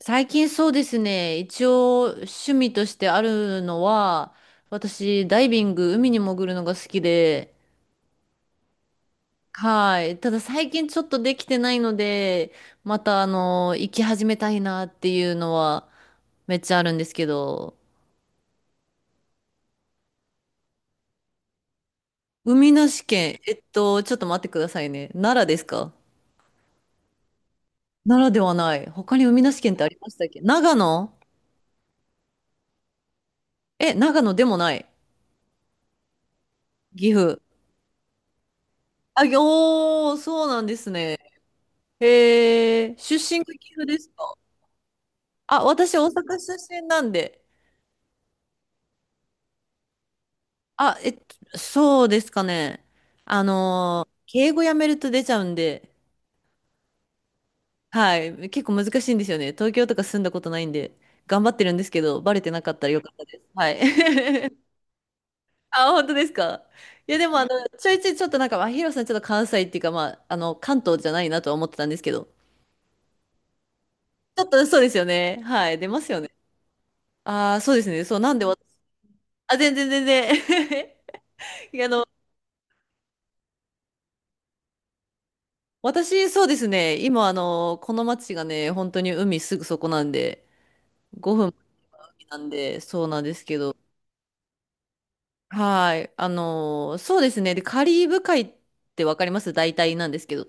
最近そうですね。一応趣味としてあるのは、私ダイビング、海に潜るのが好きで、はい。ただ最近ちょっとできてないので、また行き始めたいなっていうのはめっちゃあるんですけど、海なし県、ちょっと待ってくださいね。奈良ですか？奈良ではない。他に海なし県ってありましたっけ？長野？え、長野でもない。岐阜。あ、ぎおー、そうなんですね。へえ、出身が岐阜ですか？あ、私、大阪出身なんで。あ、そうですかね。敬語やめると出ちゃうんで、はい、結構難しいんですよね。東京とか住んだことないんで、頑張ってるんですけど、バレてなかったらよかったです。はい。あ、本当ですか。いや、でも、ちょいちょいちょっとヒロさん、ちょっと関西っていうか、関東じゃないなとは思ってたんですけど、ちょっとそうですよね。はい、出ますよね。ああ、そうですね。そう、なんで私、あ、全然全然。いや私、そうですね。今、この町がね、本当に海すぐそこなんで、5分なんで、そうなんですけど。はい。そうですね。で、カリブ海ってわかります？大体なんですけど。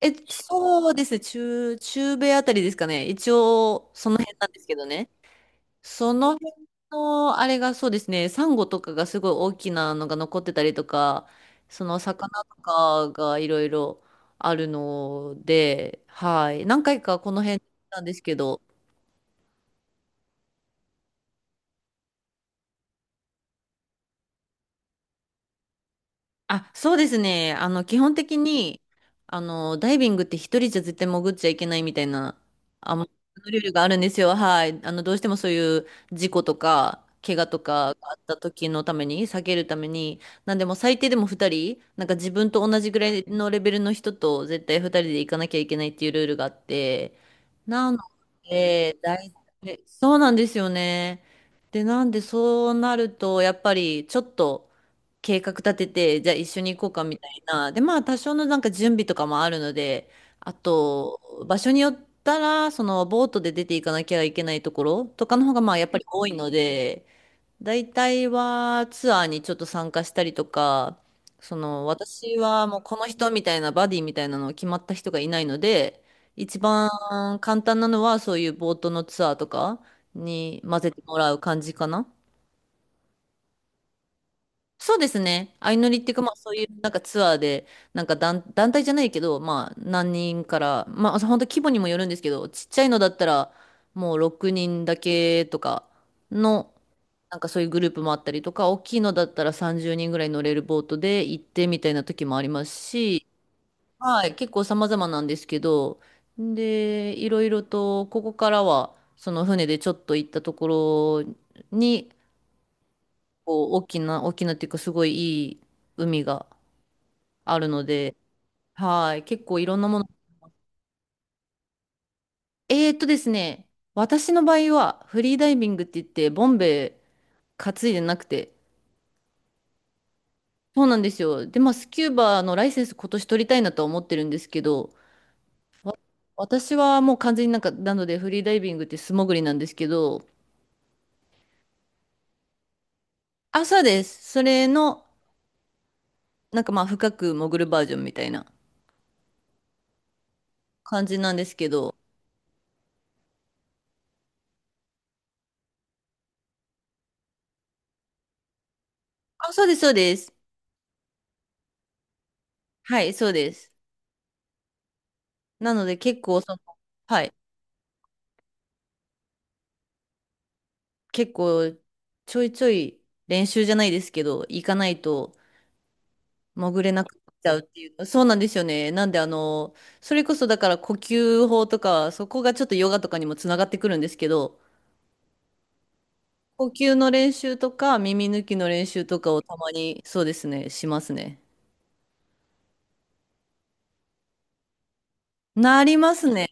え、そうですね。中、中米あたりですかね。一応、その辺なんですけどね。その辺の、あれがそうですね、サンゴとかがすごい大きなのが残ってたりとか、その魚とかがいろいろあるので、はい。何回かこの辺に行ったんですけど、あ、そうですね。基本的に、ダイビングって一人じゃ絶対潜っちゃいけないみたいな、あの、ルールがあるんですよ。はい。どうしてもそういう事故とか、怪我とかがあった時のために、避けるために、なんでもう最低でも二人、なんか自分と同じぐらいのレベルの人と絶対二人で行かなきゃいけないっていうルールがあって、なので、大体、そうなんですよね。で、なんでそうなると、やっぱりちょっと、計画立てて、じゃあ一緒に行こうかみたいな。で、まあ多少のなんか準備とかもあるので、あと、場所によったら、そのボートで出ていかなきゃいけないところとかの方がまあやっぱり多いので、大体はツアーにちょっと参加したりとか、その私はもうこの人みたいなバディみたいなの決まった人がいないので、一番簡単なのはそういうボートのツアーとかに混ぜてもらう感じかな。そうですね。相乗りっていうか、まあそういうなんかツアーで、団体じゃないけど、まあ何人から、まあ本当規模にもよるんですけど、ちっちゃいのだったらもう6人だけとかの、なんかそういうグループもあったりとか、大きいのだったら30人ぐらい乗れるボートで行ってみたいな時もありますし、はい、結構様々なんですけど、で、いろいろと、ここからは、その船でちょっと行ったところに、構大きな、大きなっていうかすごいいい海があるので、はい、結構いろんなもの。えっとですね、私の場合はフリーダイビングって言って、ボンベ担いでなくて、そうなんですよ。で、まあ、スキューバのライセンス今年取りたいなとは思ってるんですけど、私はもう完全になんか、なのでフリーダイビングって素潜りなんですけど、朝です。それの、なんかまあ、深く潜るバージョンみたいな感じなんですけど、あ、そうです、そうです。はい、そうです。なので結構その、はい、結構ちょいちょい練習じゃないですけど、行かないと潜れなくなっちゃうっていう。そうなんですよね。なんであの、それこそだから呼吸法とか、そこがちょっとヨガとかにもつながってくるんですけど、呼吸の練習とか耳抜きの練習とかをたまに、そうですね、しますね。なりますね。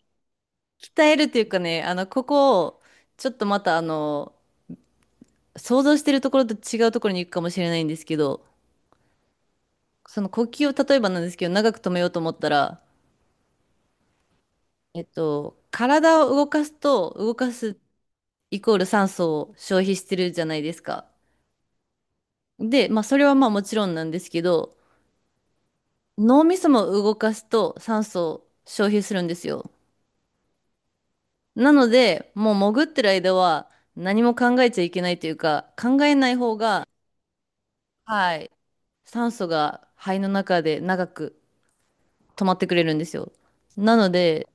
鍛えるっていうかね、ここをちょっとまた想像してるところと違うところに行くかもしれないんですけど、その呼吸を例えばなんですけど、長く止めようと思ったら、体を動かすと、動かすイコール酸素を消費してるじゃないですか。で、まあ、それはまあもちろんなんですけど、脳みそも動かすと酸素を消費するんですよ。なので、もう潜ってる間は何も考えちゃいけないというか、考えない方が、はい、酸素が肺の中で長く止まってくれるんですよ。なので、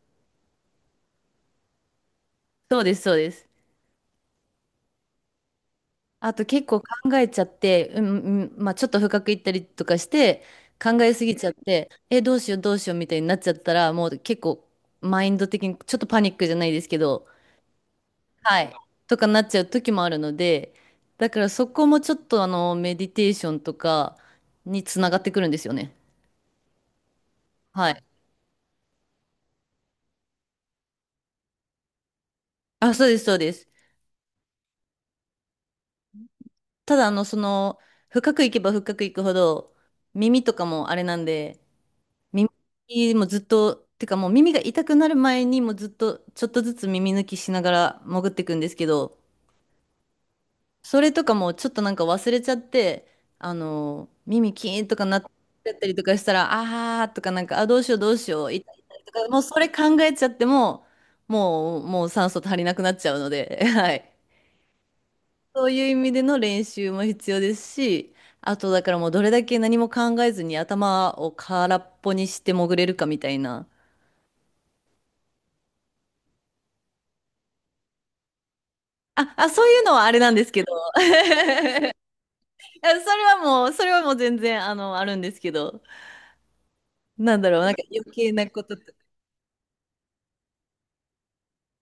そうです、そうです。あと結構考えちゃって、うん、うんまあ、ちょっと深くいったりとかして、考えすぎちゃって、え、どうしようどうしようみたいになっちゃったら、もう結構マインド的にちょっとパニックじゃないですけど、はい、とかなっちゃう時もあるので、だからそこもちょっとメディテーションとかにつながってくるんですよね。はい。あ、そうです、そうです。ただその、深くいけば深くいくほど、耳とかもあれなんで、耳もずっと、てかもう耳が痛くなる前にもうずっとちょっとずつ耳抜きしながら潜っていくんですけど、それとかもちょっとなんか忘れちゃって、耳キーンとかなっちゃったりとかしたら、あーとかなんか、あ、どうしようどうしよう、痛い痛いとか、もうそれ考えちゃっても、もう酸素足りなくなっちゃうので、はい。そういう意味での練習も必要ですし、あとだからもうどれだけ何も考えずに頭を空っぽにして潜れるかみたいな。あ、あ、そういうのはあれなんですけど、あそれはもう、それはもう全然、あるんですけど、なんだろう、なんか余計なことと。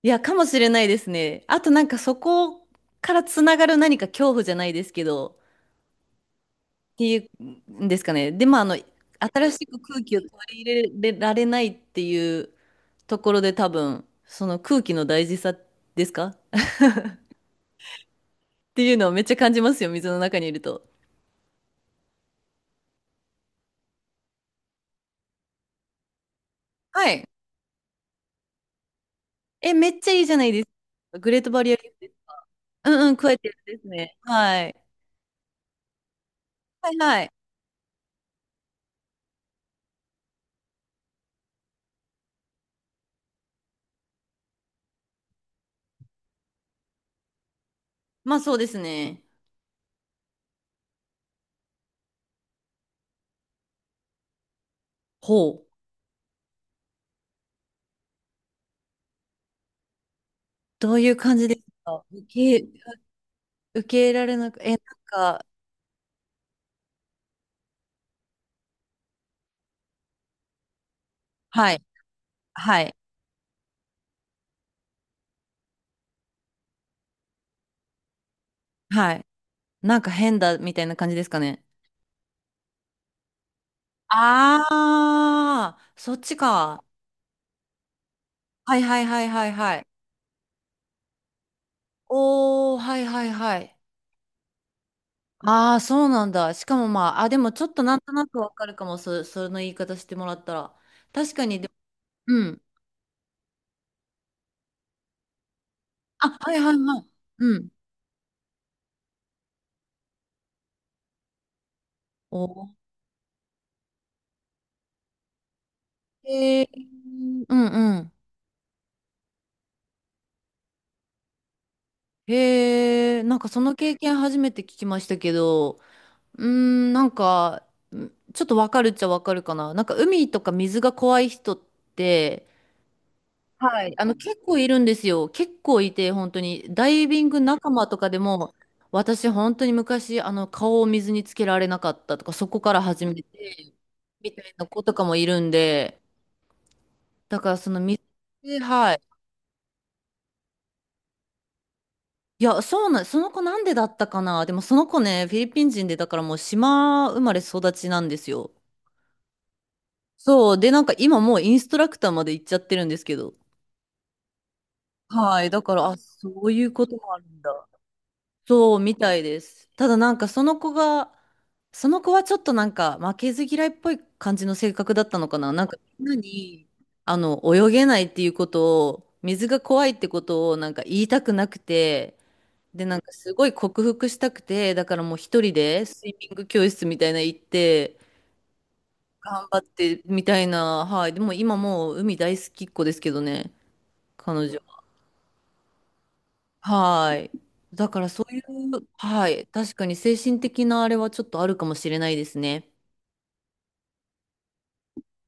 いや、かもしれないですね。あとなんかそこからつながる何か恐怖じゃないですけど、っていうんですかね。で、新しく空気を取り入れられないっていうところで多分、その空気の大事さですかっていうのをめっちゃ感じますよ、水の中にいると。はい。え、めっちゃいいじゃないですか。グレートバリアリーフです。うんうん、加えてるんですね。はい。はいはい。まあそうですね。ほう。どういう感じですか？け、受け入れられなく、え、なんか、はい、はい、はい。なんか変だみたいな感じですかね。ああ、そっちか。はいはいはいはいはい。おー、はいはいはい。ああ、そうなんだ。しかもまあ、あ、でもちょっとなんとなくわかるかも、そ、その言い方してもらったら。確かに、でも、うん。あ、はいはいはい。うん。おー、えー、うんうん。へえ、なんかその経験初めて聞きましたけど、うーん、なんか、んちょっとわかるっちゃわかるかな。なんか海とか水が怖い人って、はい。結構いるんですよ。結構いて、本当に。ダイビング仲間とかでも、私本当に昔、顔を水につけられなかったとか、そこから始めて、みたいな子とかもいるんで、だからその水、はい。いや、そうなん、その子なんでだったかな。でもその子ね、フィリピン人で、だからもう島生まれ育ちなんですよ。そう。で、なんか今もうインストラクターまで行っちゃってるんですけど。はい。だから、あ、そういうこともあるんだ。そう、みたいです。ただなんかその子が、その子はちょっとなんか負けず嫌いっぽい感じの性格だったのかな。なんかみんなに、泳げないっていうことを、水が怖いってことをなんか言いたくなくて、で、なんかすごい克服したくて、だからもう一人でスイミング教室みたいなの行って、頑張ってみたいな、はい。でも今もう海大好きっ子ですけどね、彼女は。はい。だからそういう、はい。確かに精神的なあれはちょっとあるかもしれないですね。